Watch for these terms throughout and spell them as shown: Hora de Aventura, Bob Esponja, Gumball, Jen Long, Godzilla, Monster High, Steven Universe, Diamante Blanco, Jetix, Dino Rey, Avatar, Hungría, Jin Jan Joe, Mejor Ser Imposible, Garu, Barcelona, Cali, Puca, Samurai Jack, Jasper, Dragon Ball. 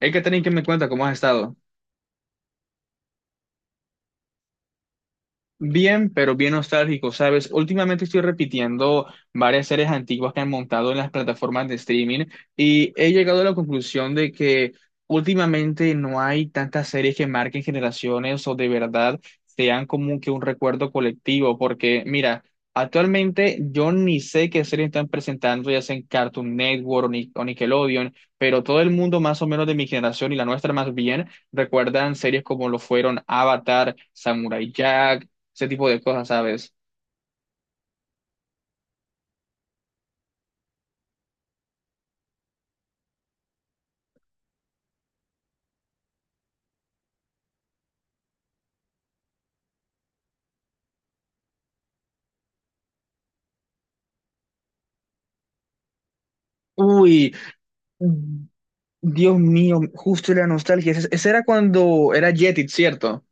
Hay que tener que me cuenta cómo has estado. Bien, pero bien nostálgico, ¿sabes? Últimamente estoy repitiendo varias series antiguas que han montado en las plataformas de streaming y he llegado a la conclusión de que últimamente no hay tantas series que marquen generaciones o de verdad sean como que un recuerdo colectivo, porque mira, actualmente yo ni sé qué series están presentando, ya sea en Cartoon Network o Nickelodeon, pero todo el mundo más o menos de mi generación y la nuestra más bien recuerdan series como lo fueron Avatar, Samurai Jack, ese tipo de cosas, ¿sabes? Uy, mm, Dios mío, justo la nostalgia. Ese era cuando era Jetix, ¿cierto?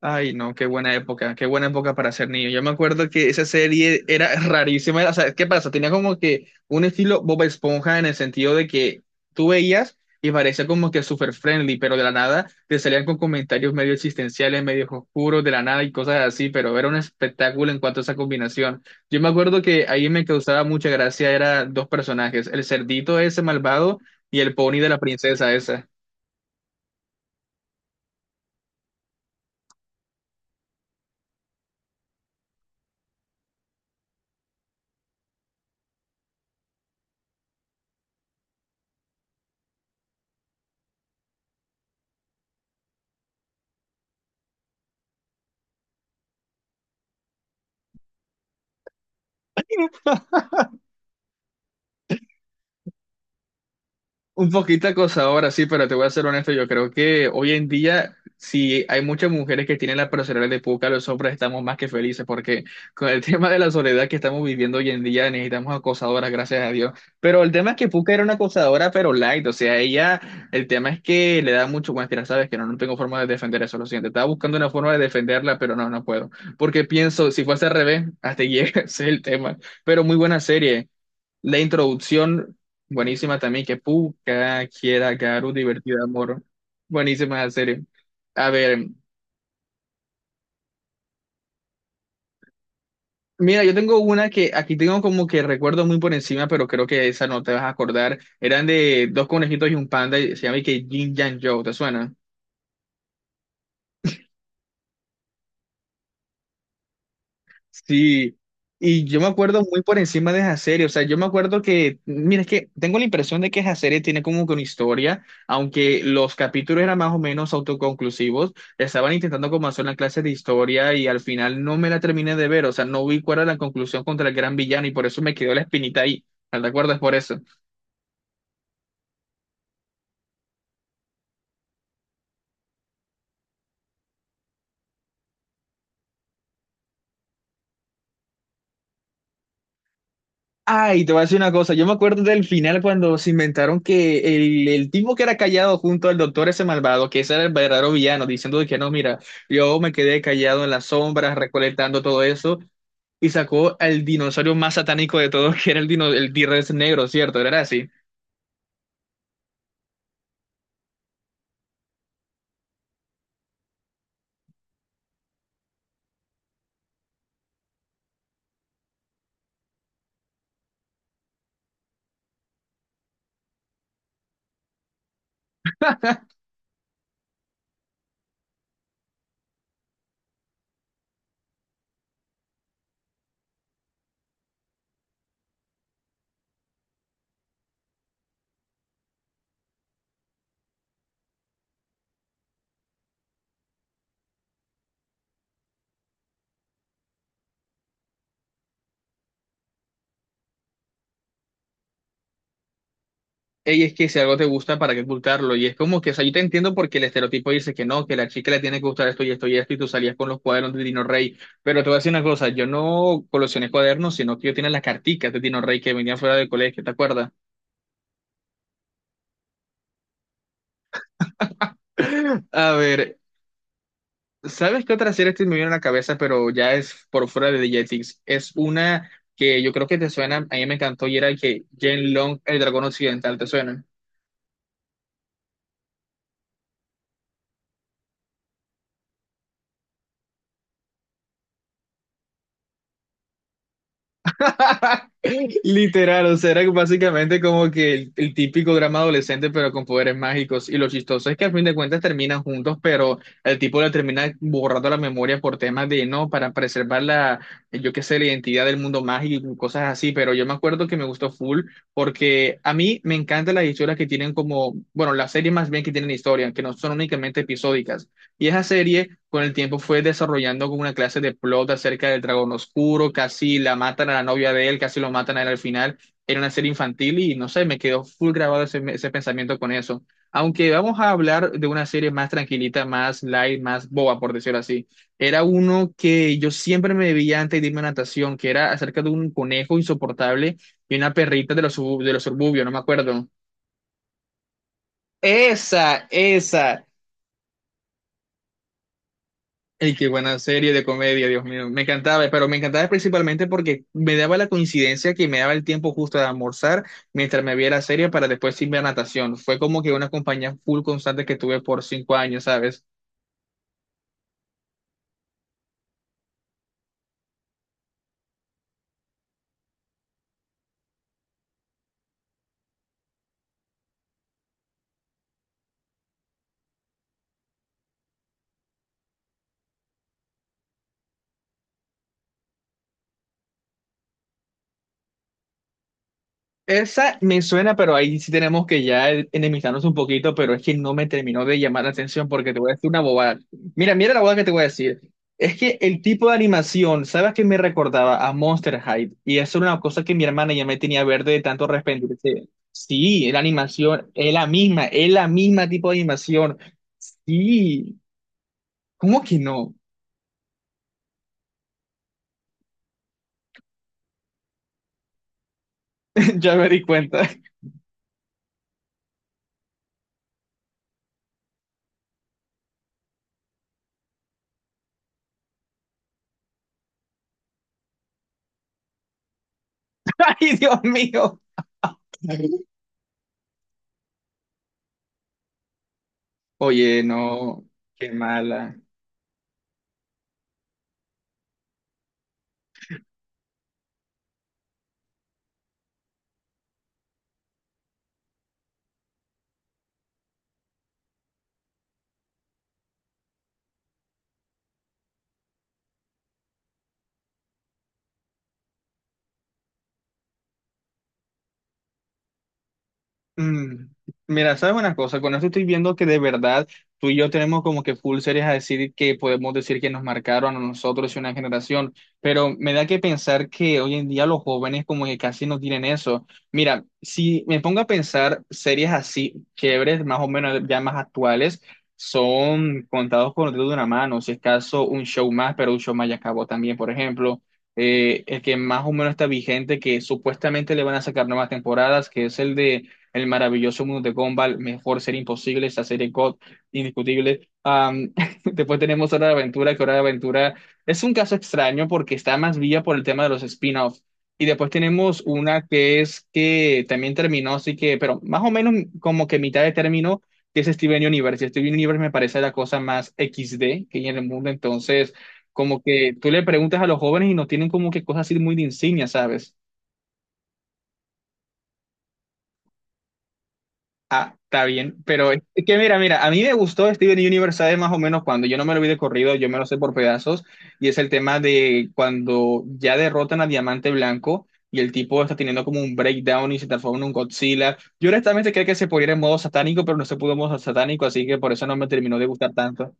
Ay, no, qué buena época para ser niño. Yo me acuerdo que esa serie era rarísima. O sea, ¿qué pasa? Tenía como que un estilo Bob Esponja en el sentido de que tú veías y parecía como que súper friendly, pero de la nada te salían con comentarios medio existenciales, medio oscuros, de la nada y cosas así, pero era un espectáculo en cuanto a esa combinación. Yo me acuerdo que ahí me causaba mucha gracia, eran dos personajes, el cerdito ese malvado y el pony de la princesa esa. Un poquito acosadora, sí, pero te voy a ser honesto, yo creo que hoy en día, si hay muchas mujeres que tienen la personalidad de Puca, los hombres estamos más que felices, porque con el tema de la soledad que estamos viviendo hoy en día, necesitamos acosadoras, gracias a Dios. Pero el tema es que Puca era una acosadora, pero light, o sea, ella, el tema es que le da mucho, bueno, mira, sabes que no tengo forma de defender eso, lo siento, estaba buscando una forma de defenderla, pero no, no puedo, porque pienso, si fuese al revés, hasta llega, ese es el tema, pero muy buena serie. La introducción, buenísima también, que Puca, quiera, Garu divertida, amor. Buenísima la serie. A ver, mira, yo tengo una que aquí tengo como que recuerdo muy por encima, pero creo que esa no te vas a acordar. Eran de dos conejitos y un panda, y se llama y que Jin Jan Joe, ¿te suena? Sí, y yo me acuerdo muy por encima de esa serie, o sea, yo me acuerdo que, mira, es que tengo la impresión de que esa serie tiene como que una historia, aunque los capítulos eran más o menos autoconclusivos, estaban intentando como hacer una clase de historia y al final no me la terminé de ver, o sea, no vi cuál era la conclusión contra el gran villano y por eso me quedó la espinita ahí, ¿te acuerdas por eso? Ay, te voy a decir una cosa. Yo me acuerdo del final cuando se inventaron que el tipo que era callado junto al doctor ese malvado, que ese era el verdadero villano, diciendo de que no, mira, yo me quedé callado en las sombras recolectando todo eso y sacó al dinosaurio más satánico de todos, que era el, dino, el T-Rex negro, ¿cierto? Era así. Ey, es que si algo te gusta, ¿para qué ocultarlo? Y es como que, o sea, yo te entiendo porque el estereotipo dice que no, que la chica le tiene que gustar esto y esto y esto, y tú salías con los cuadernos de Dino Rey. Pero te voy a decir una cosa, yo no coleccioné cuadernos, sino que yo tenía las carticas de Dino Rey que venían fuera del colegio, ¿te acuerdas? A ver, ¿sabes qué otra serie te me viene a la cabeza, pero ya es por fuera de The Jetix? Es una que yo creo que te suena, a mí me encantó y era que Jen Long, el dragón occidental, ¿te suena? Literal, o sea, era básicamente como que el típico drama adolescente, pero con poderes mágicos. Y lo chistoso es que al fin de cuentas terminan juntos, pero el tipo le termina borrando la memoria por temas de, no, para preservar la, yo qué sé, la identidad del mundo mágico y cosas así. Pero yo me acuerdo que me gustó full, porque a mí me encantan las historias que tienen como, bueno, las series más bien que tienen historia, que no son únicamente episódicas. Y esa serie con el tiempo fue desarrollando como una clase de plot acerca del dragón oscuro, casi la matan a la novia de él, casi lo matan a él al final. Era una serie infantil y no sé, me quedó full grabado ese, ese pensamiento con eso. Aunque vamos a hablar de una serie más tranquilita, más light, más boba, por decirlo así. Era uno que yo siempre me veía antes de irme a natación, que era acerca de un conejo insoportable y una perrita de los, de los suburbios, no me acuerdo. Esa, esa. Y qué buena serie de comedia, Dios mío. Me encantaba, pero me encantaba principalmente porque me daba la coincidencia que me daba el tiempo justo de almorzar mientras me veía la serie para después irme a natación. Fue como que una compañía full constante que tuve por 5 años, ¿sabes? Esa me suena, pero ahí sí tenemos que ya enemistarnos un poquito, pero es que no me terminó de llamar la atención porque te voy a decir una bobada. Mira, mira la bobada que te voy a decir. Es que el tipo de animación, ¿sabes qué me recordaba? A Monster High. Y eso era una cosa que mi hermana ya me tenía verde de tanto arrepentirse. Sí, la animación es la misma tipo de animación. Sí, ¿cómo que no? Ya me di cuenta. Ay, Dios mío. Oye, no, qué mala. Mm, Mira, ¿sabes una cosa? Con esto estoy viendo que de verdad tú y yo tenemos como que full series a decir que podemos decir que nos marcaron a nosotros y una generación, pero me da que pensar que hoy en día los jóvenes como que casi no tienen eso. Mira, si me pongo a pensar series así chéveres, más o menos ya más actuales, son contados con el dedo de una mano, si es caso un show más, pero un show más ya acabó también, por ejemplo. El que más o menos está vigente, que supuestamente le van a sacar nuevas temporadas, que es el de el maravilloso mundo de Gumball, Mejor Ser Imposible, esa serie God, indiscutible. Después tenemos Hora de Aventura, que Hora de Aventura es un caso extraño porque está más vía por el tema de los spin-offs. Y después tenemos una que es que también terminó, así que, pero más o menos como que mitad de término, que es Steven Universe. Y Steven Universe me parece la cosa más equis de que hay en el mundo. Entonces, como que tú le preguntas a los jóvenes y no tienen como que cosas así muy de insignia, ¿sabes? Ah, está bien, pero es que mira, mira, a mí me gustó Steven Universe, ¿sabes? Más o menos cuando yo no me lo vi de corrido, yo me lo sé por pedazos, y es el tema de cuando ya derrotan a Diamante Blanco y el tipo está teniendo como un breakdown y se transforma en un Godzilla. Yo honestamente creía que se podía ir en modo satánico, pero no se pudo en modo satánico, así que por eso no me terminó de gustar tanto.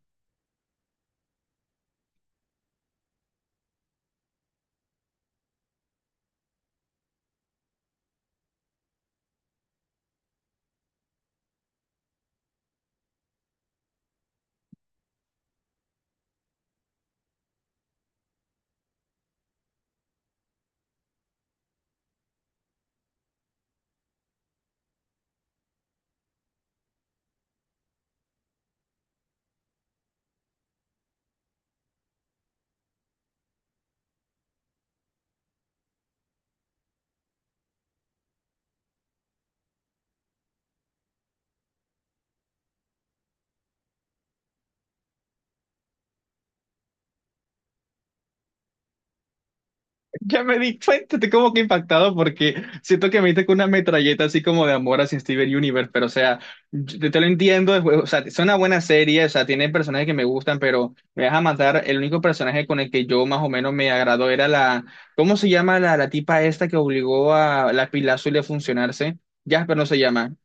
Ya me di cuenta, estoy como que impactado porque siento que me diste con una metralleta así como de amor hacia Steven Universe, pero o sea, yo te lo entiendo, o sea, es una buena serie, o sea, tiene personajes que me gustan, pero me vas a matar, el único personaje con el que yo más o menos me agradó era la, ¿cómo se llama la tipa esta que obligó a la pila azul a funcionarse? Jasper no se llama.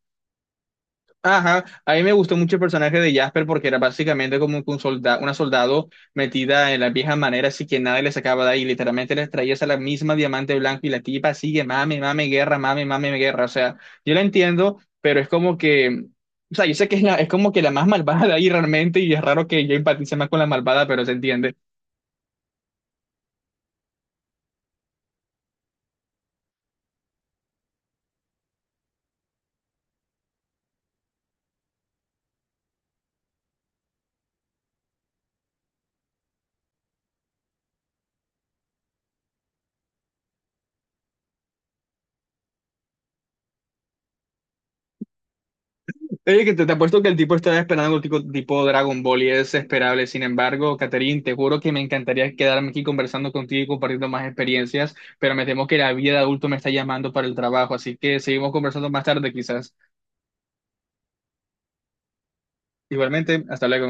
Ajá, a mí me gustó mucho el personaje de Jasper porque era básicamente como que un soldado, una soldado metida en la vieja manera, así que nadie le sacaba de ahí, literalmente les traía esa la misma diamante blanco y la tipa sigue, mame, mame, guerra, o sea, yo la entiendo, pero es como que, o sea, yo sé que es, la, es como que la más malvada de ahí realmente y es raro que yo empatice más con la malvada, pero se entiende. Oye, que te apuesto que el tipo está esperando algo tipo, tipo Dragon Ball y es esperable. Sin embargo, Catherine, te juro que me encantaría quedarme aquí conversando contigo y compartiendo más experiencias, pero me temo que la vida de adulto me está llamando para el trabajo, así que seguimos conversando más tarde quizás. Igualmente, hasta luego.